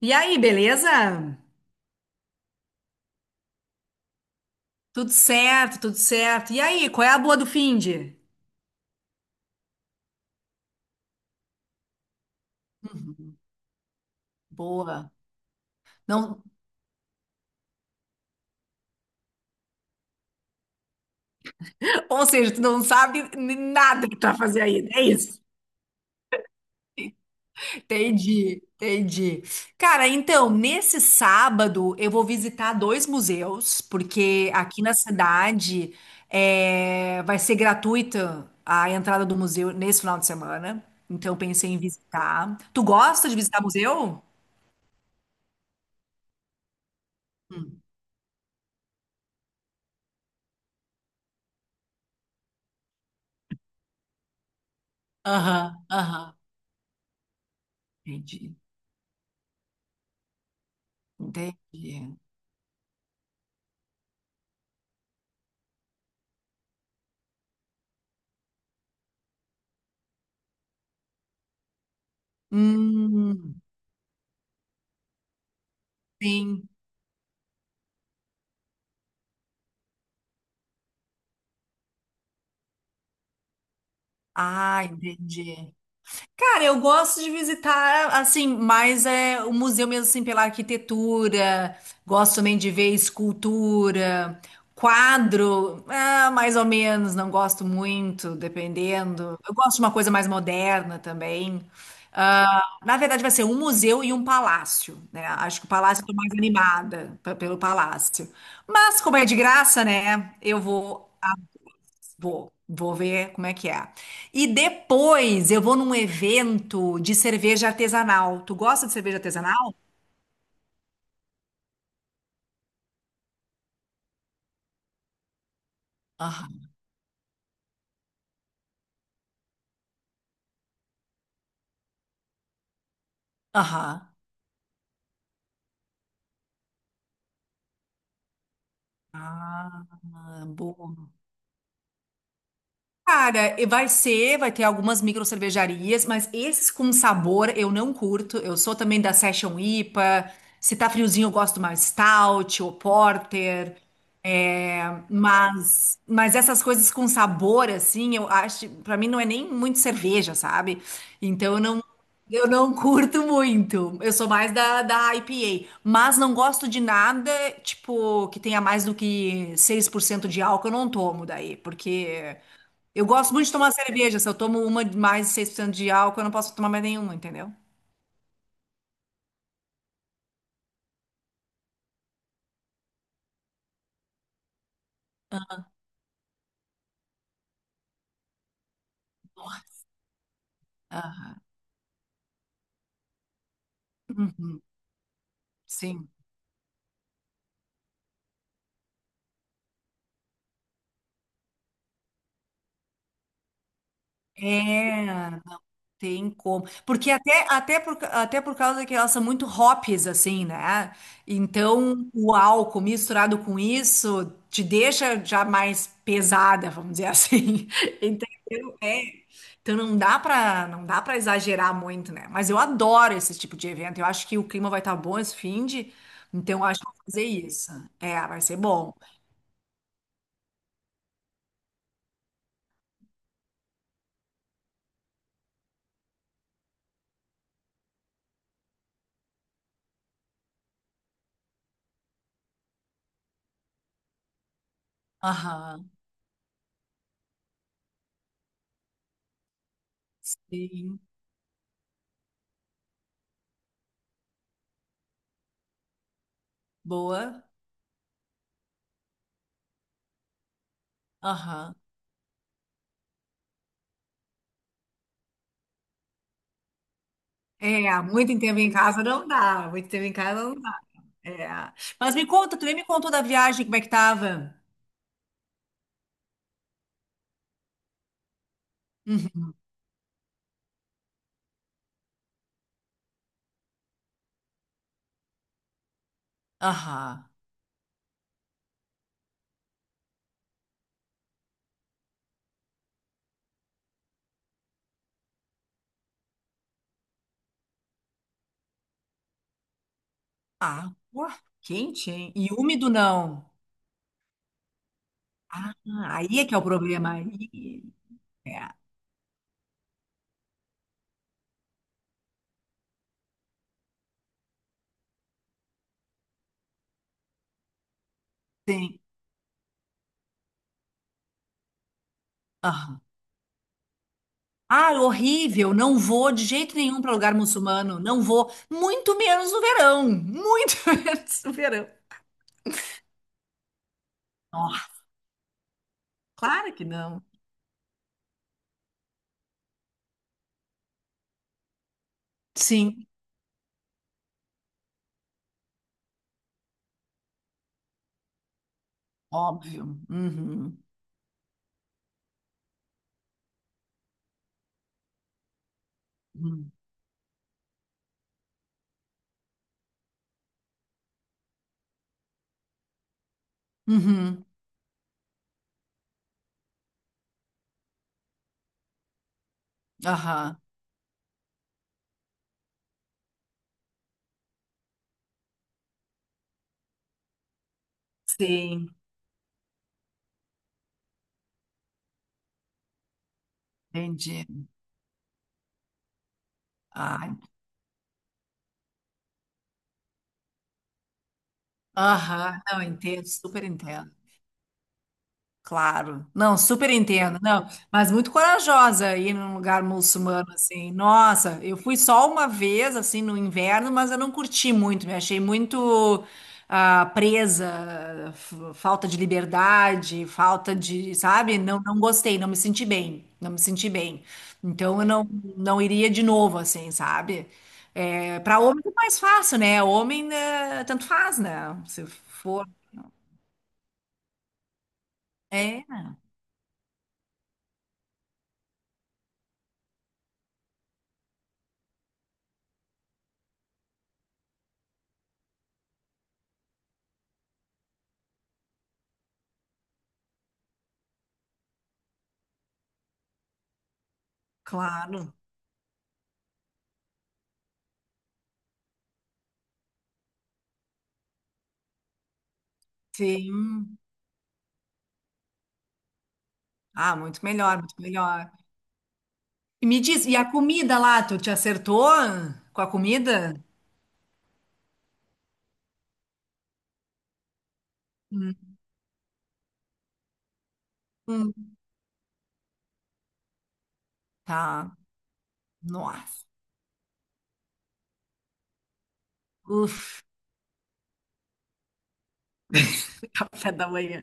E aí, beleza? Tudo certo, tudo certo. E aí, qual é a boa do finde? Uhum. Boa. Não, ou seja, tu não sabe nada que tu vai fazer aí. É isso. Entendi, entendi. Cara, então, nesse sábado eu vou visitar dois museus, porque aqui na cidade vai ser gratuita a entrada do museu nesse final de semana. Então, eu pensei em visitar. Tu gosta de visitar museu? Hum. Aham, aham. Entendi. Entendi. Hum. Sim. Ah, entendi. Cara, eu gosto de visitar, assim, mais é o museu mesmo, assim, pela arquitetura. Gosto também de ver escultura, quadro, ah, mais ou menos, não gosto muito, dependendo. Eu gosto de uma coisa mais moderna também. Ah, na verdade, vai ser um museu e um palácio, né? Acho que o palácio eu tô mais animada pelo palácio. Mas, como é de graça, né? Eu vou. Vou, vou ver como é que é. E depois eu vou num evento de cerveja artesanal. Tu gosta de cerveja artesanal? Aham. Aham. Ah, boa. Cara, e vai ter algumas micro cervejarias, mas esses com sabor eu não curto. Eu sou também da Session IPA. Se tá friozinho, eu gosto mais stout ou porter. É, mas essas coisas com sabor, assim, eu acho, pra mim não é nem muito cerveja, sabe? Então eu não curto muito. Eu sou mais da IPA. Mas não gosto de nada, tipo, que tenha mais do que 6% de álcool, eu não tomo daí, porque. Eu gosto muito de tomar cerveja. Se eu tomo uma de mais de 6% de álcool, eu não posso tomar mais nenhuma, entendeu? Aham. Uhum. Sim. É. Tem como. Porque até por causa que elas são muito hops, assim, né? Então, o álcool misturado com isso te deixa já mais pesada, vamos dizer assim. Entendeu? É. Então não dá pra, não dá para exagerar muito, né? Mas eu adoro esse tipo de evento. Eu acho que o clima vai estar bom esse fim de, então eu acho que eu vou fazer isso. É, vai ser bom. Aham. Sim. Boa. Aham. É, muito tempo em casa não dá. Muito tempo em casa não. É. Mas me conta, tu nem me contou da viagem, como é que tava? Aham. Ah, ué, quente, hein? E úmido não. Ah, aí é que é o problema. Aí, é, tem. Aham. Ah, horrível. Não vou de jeito nenhum para lugar muçulmano. Não vou. Muito menos no verão. Muito menos no verão. Ó, claro que não. Sim, óbvio. Uhum. Uhum. Uhum. Aham. Sim, entendi. Ah, aham, não, entendo, super entendo. Claro. Não, super entendo. Não, mas muito corajosa ir num lugar muçulmano assim. Nossa, eu fui só uma vez assim no inverno, mas eu não curti muito, me achei muito presa, falta de liberdade, falta de, sabe? Não, não gostei, não me senti bem, não me senti bem. Então eu não iria de novo assim, sabe? É, para homem é mais fácil, né? Homem, né, tanto faz, né? Se for. É, claro. Sim. Ah, muito melhor, muito melhor. E me diz, e a comida lá, tu te acertou com a comida? Hum. Hum. Tá. Nossa. Uf, café da manhã.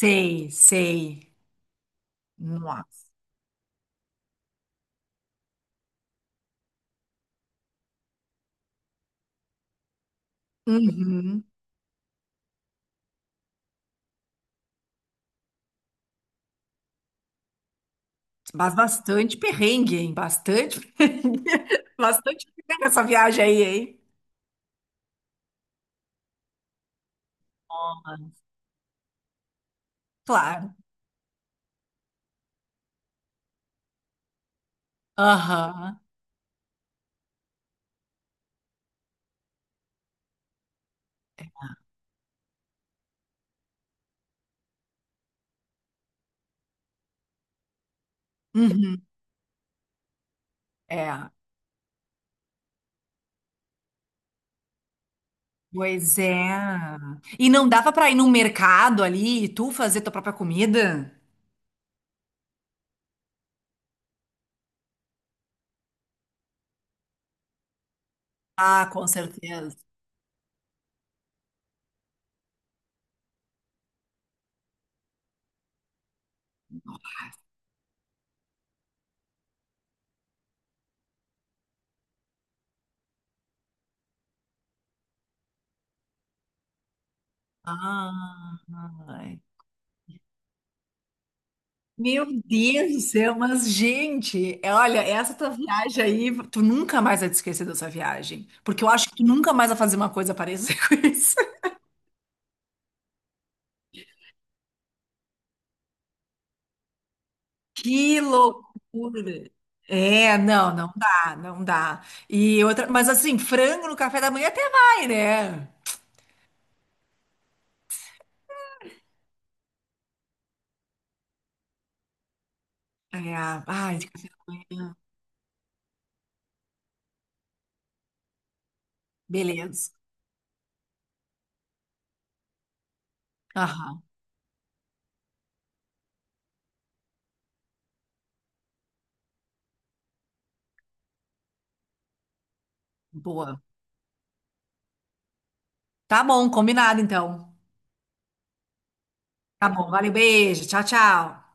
Sei, sei. Nossa. Uhum. Mas bastante perrengue, hein? Bastante perrengue. Bastante perrengue essa viagem aí, hein? Claro. Aham. Uhum. É. Pois é. E não dava pra ir num mercado ali e tu fazer tua própria comida? Ah, com certeza. Ah, ai. Meu Deus do céu, mas gente, olha, essa tua viagem aí, tu nunca mais vai te esquecer dessa viagem, porque eu acho que tu nunca mais vai fazer uma coisa parecida com isso. Que loucura! É, não, não dá, não dá. E outra, mas assim, frango no café da manhã até vai, né? É, ai, de café da manhã, beleza. Aham, boa. Tá bom, combinado então. Tá bom, valeu, beijo, tchau, tchau.